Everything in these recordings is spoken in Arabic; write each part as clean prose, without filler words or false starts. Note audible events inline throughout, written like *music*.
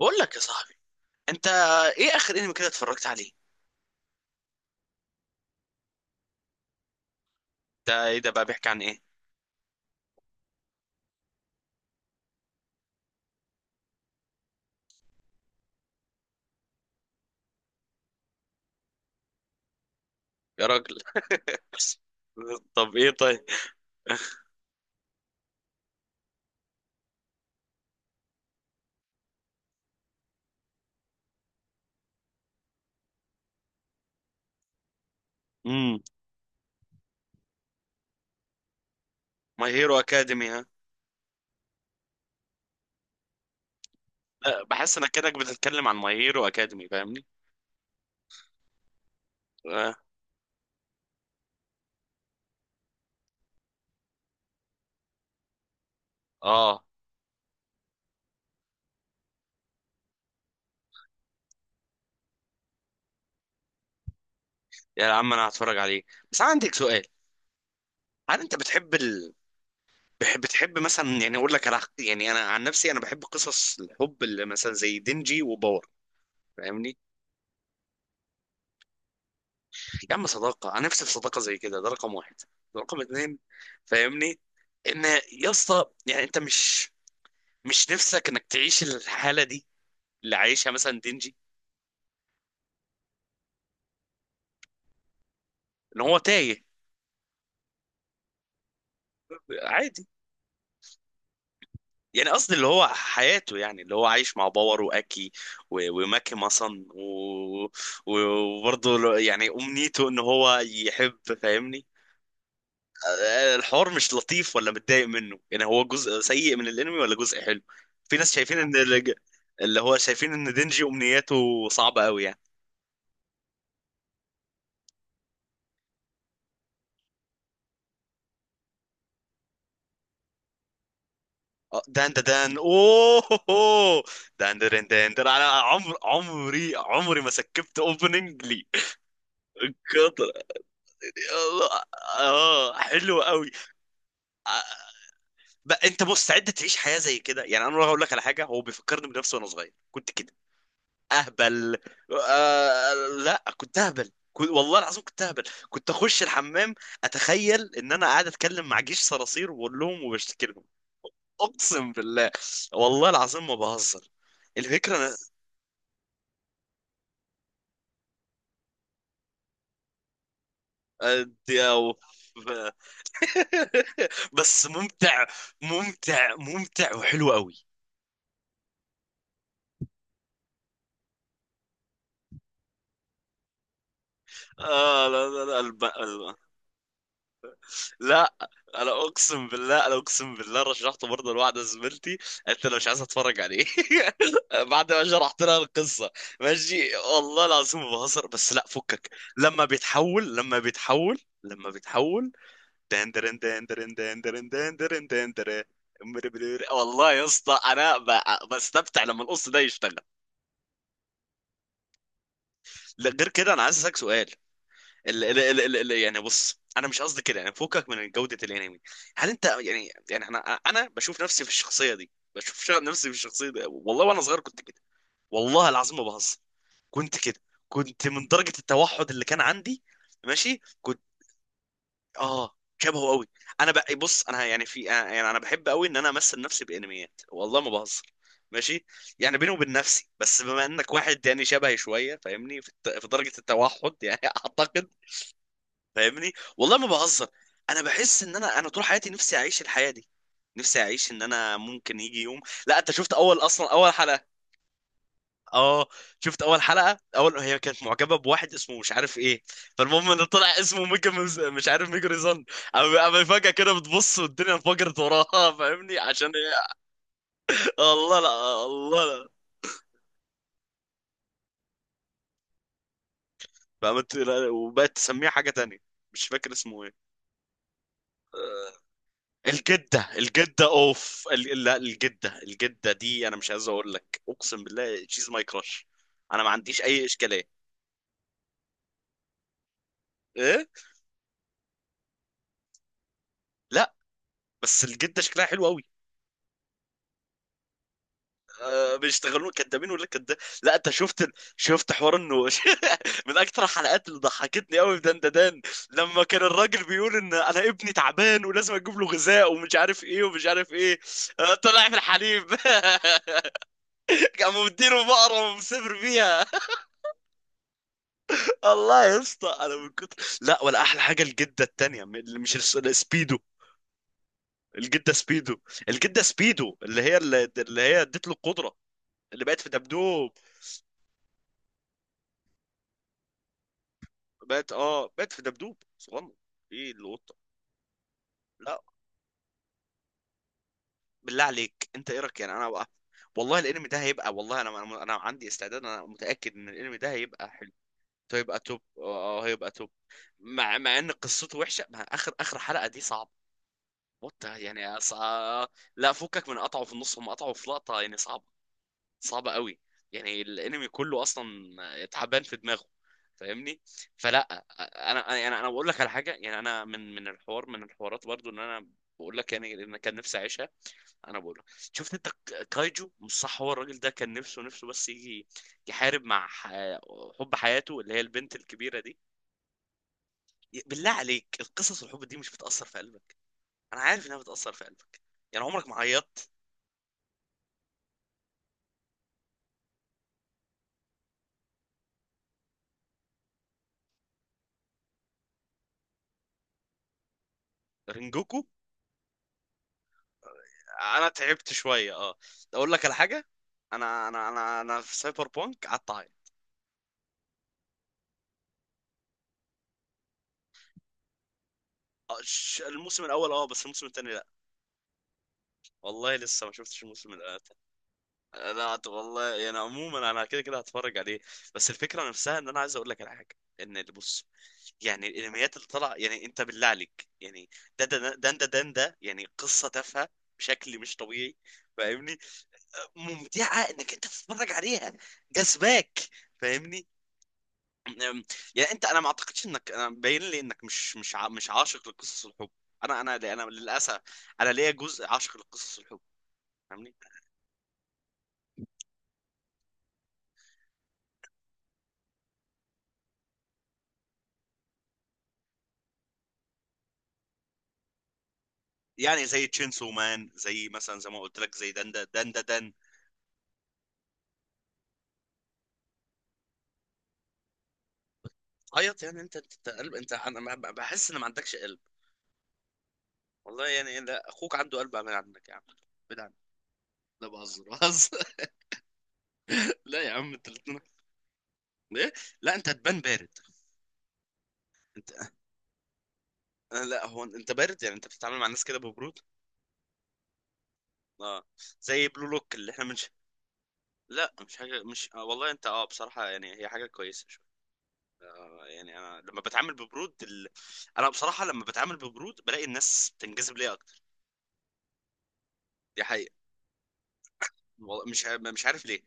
بقول لك يا صاحبي، انت ايه اخر انمي كده اتفرجت عليه؟ ده ايه ده بقى؟ بيحكي عن ايه؟ يا راجل. *laughs* طب ايه طيب؟ امم ماي هيرو اكاديمي ها؟ لا، بحس انك كانك بتتكلم عن ماي هيرو اكاديمي، فاهمني؟ اه اه، يا عم انا هتفرج عليه، بس انا عندك سؤال. هل انت بتحب بتحب مثلا؟ يعني اقول لك على، يعني انا عن نفسي انا بحب قصص الحب اللي مثلا زي دينجي وباور، فاهمني؟ يا عم صداقة، أنا نفسي في صداقة زي كده، ده رقم واحد. رقم اتنين، فاهمني؟ إن يا اسطى، يعني أنت مش نفسك إنك تعيش الحالة دي اللي عايشها مثلا دينجي؟ إن هو تايه. عادي. يعني قصدي اللي هو حياته، يعني اللي هو عايش مع باور وأكي، وماكي مثلا، و- وبرضه يعني أمنيته إن هو يحب، فاهمني؟ الحوار مش لطيف ولا متضايق منه؟ يعني هو جزء سيء من الانمي ولا جزء حلو؟ في ناس شايفين ان اللي هو شايفين ان دينجي امنياته صعبة قوي يعني. دان دا دان، اوه هو هو. دان دان دان دان، انا عمري ما سكبت اوبننج لي. كتر. يلا. اه حلو قوي. بقى انت مستعد تعيش حياة زي كده؟ يعني انا هقول لك على حاجة، هو بيفكرني بنفسي وانا صغير، كنت كده. اهبل. آه. لا، كنت اهبل، كنت والله العظيم كنت اهبل. كنت اخش الحمام، اتخيل ان انا قاعد اتكلم مع جيش صراصير، واقول لهم وبشتكي لهم. اقسم بالله، والله العظيم ما بهزر. الفكره أنا- آه، دي أو- *laughs* بس ممتع. ممتع ممتع وحلو قوي. لا لا لا، لا، انا اقسم بالله، انا اقسم بالله رشحته برضه لواحده زميلتي. انت لو مش عايز اتفرج عليه. *laughs* بعد ما شرحت لها القصه، ماشي والله العظيم ما بهزر، بس لا فكك. لما بيتحول، لما بيتحول، لما بيتحول، دندرن دندرن دندرن، دندرن دندرن. والله يا اسطى، انا بستمتع لما القص ده يشتغل. لا، غير كده انا عايز اسالك سؤال. ال يعني، بص انا مش قصدي كده يعني فوقك من جودة الانمي. هل انت يعني انا بشوف نفسي في الشخصية دي؟ بشوف نفسي في الشخصية دي، والله وانا صغير كنت كده، والله العظيم ما بهزر، كنت كده، كنت من درجة التوحد اللي كان عندي. ماشي كنت. اه. شبهه قوي. انا بقى، بص انا يعني في يعني انا بحب قوي ان انا امثل نفسي بانميات، والله ما بهزر. ماشي، يعني بيني وبين نفسي، بس بما انك واحد يعني شبهي شويه، فاهمني، في في درجه التوحد يعني *laughs* اعتقد. فاهمني؟ والله ما بهزر، انا بحس ان انا طول حياتي نفسي اعيش الحياه دي، نفسي اعيش ان انا ممكن يجي يوم. لا انت شفت اول اصلا اول حلقه؟ اه. شفت اول حلقه؟ اول، هي كانت معجبه بواحد اسمه مش عارف ايه. فالمهم ان طلع اسمه ميجا مش عارف، ميجا ريزان. اما فجاه كده بتبص والدنيا انفجرت وراها، فاهمني، عشان هي، الله لا الله لا. فقامت لا، وبقت تسميه حاجه تانية. مش فاكر اسمه ايه. الجدة لا، الجدة دي انا مش عايز اقول لك، اقسم بالله شيز ماي كراش. انا ما عنديش اي اشكالية. ايه. لا، بس الجدة شكلها حلو قوي. أه، بيشتغلوا. كدابين ولا كداب؟ لا انت شفت شفت حوار انه *laughs* من اكتر الحلقات اللي ضحكتني قوي في دندان لما كان الراجل بيقول ان انا ابني تعبان، ولازم اجيب له غذاء ومش عارف ايه ومش عارف ايه. طلع في الحليب. *laughs* قاموا مديله بقرة ومسافر بيها. الله يا اسطى، انا من كتر، لا ولا احلى حاجه الجده التانيه اللي مش السبيدو. الجده سبيدو. الجده سبيدو، اللي هي، اللي هي اديت له القدره، اللي بقت في دبدوب. بقت في دبدوب صغنن. ايه القطه؟ لا. بالله عليك، انت ايه رايك؟ يعني انا بقى، والله الانمي ده هيبقى، والله انا أنا عندي استعداد، انا متاكد ان الانمي ده هيبقى حلو. هيبقى توب. هيبقى توب. مع ان قصته وحشه، مع اخر اخر حلقه دي صعبه. وات يعني لا فكك من قطعه في النص، هم قطعوا في لقطة يعني صعبة، صعبة قوي. يعني الانمي كله اصلا تعبان في دماغه، فاهمني؟ فلا. انا يعني انا بقول لك على حاجة، يعني انا من الحوار، من الحوارات برضو، ان انا بقول لك يعني، ان كان نفسي اعيشها. انا بقول لك، شفت انت كايجو مش صح؟ هو الراجل ده كان نفسه نفسه، بس يجي يحارب مع حب حياته، اللي هي البنت الكبيرة دي. بالله عليك، القصص الحب دي مش بتأثر في قلبك؟ انا عارف انها بتأثر في قلبك، يعني عمرك ما عيطت؟ رينجوكو. انا تعبت شويه، اه. اقول لك على حاجه، انا في سايبر بانك قعدت اعيط. الموسم الاول اه، بس الموسم الثاني لا. والله لسه ما شفتش الموسم الثاني. لا والله يعني عموما انا كده كده هتفرج عليه، بس الفكره نفسها ان انا عايز اقول لك على حاجه، ان اللي بص، يعني الانميات اللي طالعه، يعني انت بالله عليك يعني، ده يعني قصه تافهه بشكل مش طبيعي، فاهمني؟ ممتعه انك انت تتفرج عليها، جذباك، فاهمني؟ أم، يعني انت، انا ما اعتقدش انك، انا باين لي انك مش عاشق لقصص الحب، انا للاسف انا ليا جزء عاشق لقصص الحب، فاهمني؟ يعني زي تشينسو مان، زي مثلا، زي ما قلت لك، زي دندا دندا دن. عيط، يعني انت انت أنت قلب. انت انا ما- بحس ان ما عندكش قلب. والله يعني، لا اخوك عنده قلب، اعمل عندك يا عم، ابعد عنك. لا بهزر بهزر. *laughs* لا يا عم، انت الاتنين. ايه؟ *laughs* لا، انت هتبان بارد. انت. لا هو انت بارد، يعني انت بتتعامل مع الناس كده ببرود. اه. زي بلو لوك اللي احنا. لا، مش حاجة مش آه، والله انت بصراحة يعني هي حاجة كويسة شو. يعني انا لما بتعامل ببرود انا بصراحة لما بتعامل ببرود بلاقي الناس بتنجذب ليا اكتر، دي حقيقة. والله مش عارف ليه.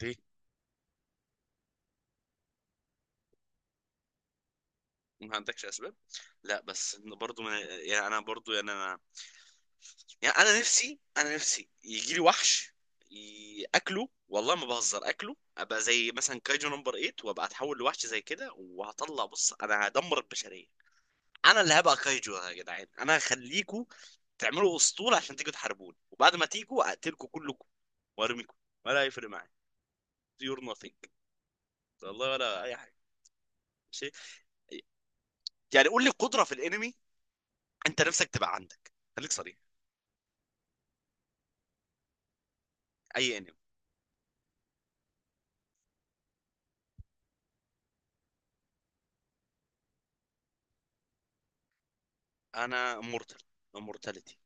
ليه؟ ما عندكش اسباب؟ لا بس إن برضو يعني انا برضو يعني انا، يعني انا نفسي، انا نفسي يجي لي وحش، اكله، والله ما بهزر، اكله ابقى زي مثلا كايجو نمبر 8 وابقى اتحول لوحش زي كده، وهطلع بص انا هدمر البشرية. انا اللي هبقى كايجو، يا جدعان انا هخليكوا تعملوا اسطول عشان تيجوا تحاربوني، وبعد ما تيجوا اقتلكوا كلكم وارميكم، ولا هيفرق معايا، يور نوثينج. والله ولا اي حاجه. شيء. يعني قول لي قدره في الانمي انت نفسك تبقى عندك، خليك صريح. اي انمي. انا مورتال، امورتاليتي.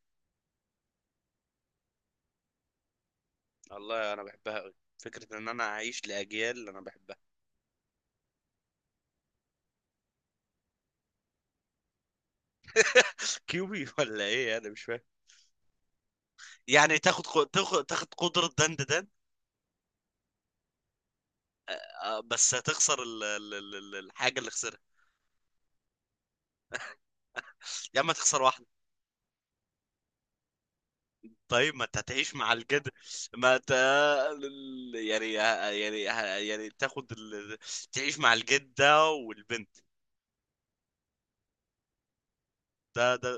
والله انا بحبها قوي، فكرة ان انا اعيش لاجيال اللي انا بحبها. كيوبي *laughs* ولا ايه؟ انا مش فاهم. يعني تاخد تاخد قدرة دند دند. بس هتخسر الحاجة اللي خسرها. يا اما تخسر واحدة. طيب ما انت هتعيش مع الجد. ما انت، يعني يعني تاخد تعيش مع الجدة والبنت. ده.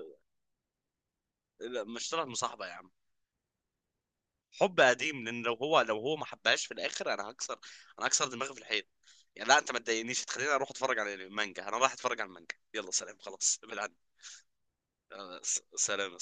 لا، مش طلعت مصاحبة يا عم. حب قديم، لان لو هو ما حبهاش في الاخر انا هكسر، انا هكسر دماغي في الحيط. يعني لا انت ما تضايقنيش، تخليني اروح اتفرج على المانجا، انا رايح اتفرج على المانجا، يلا سلام خلاص بالعن. سلام.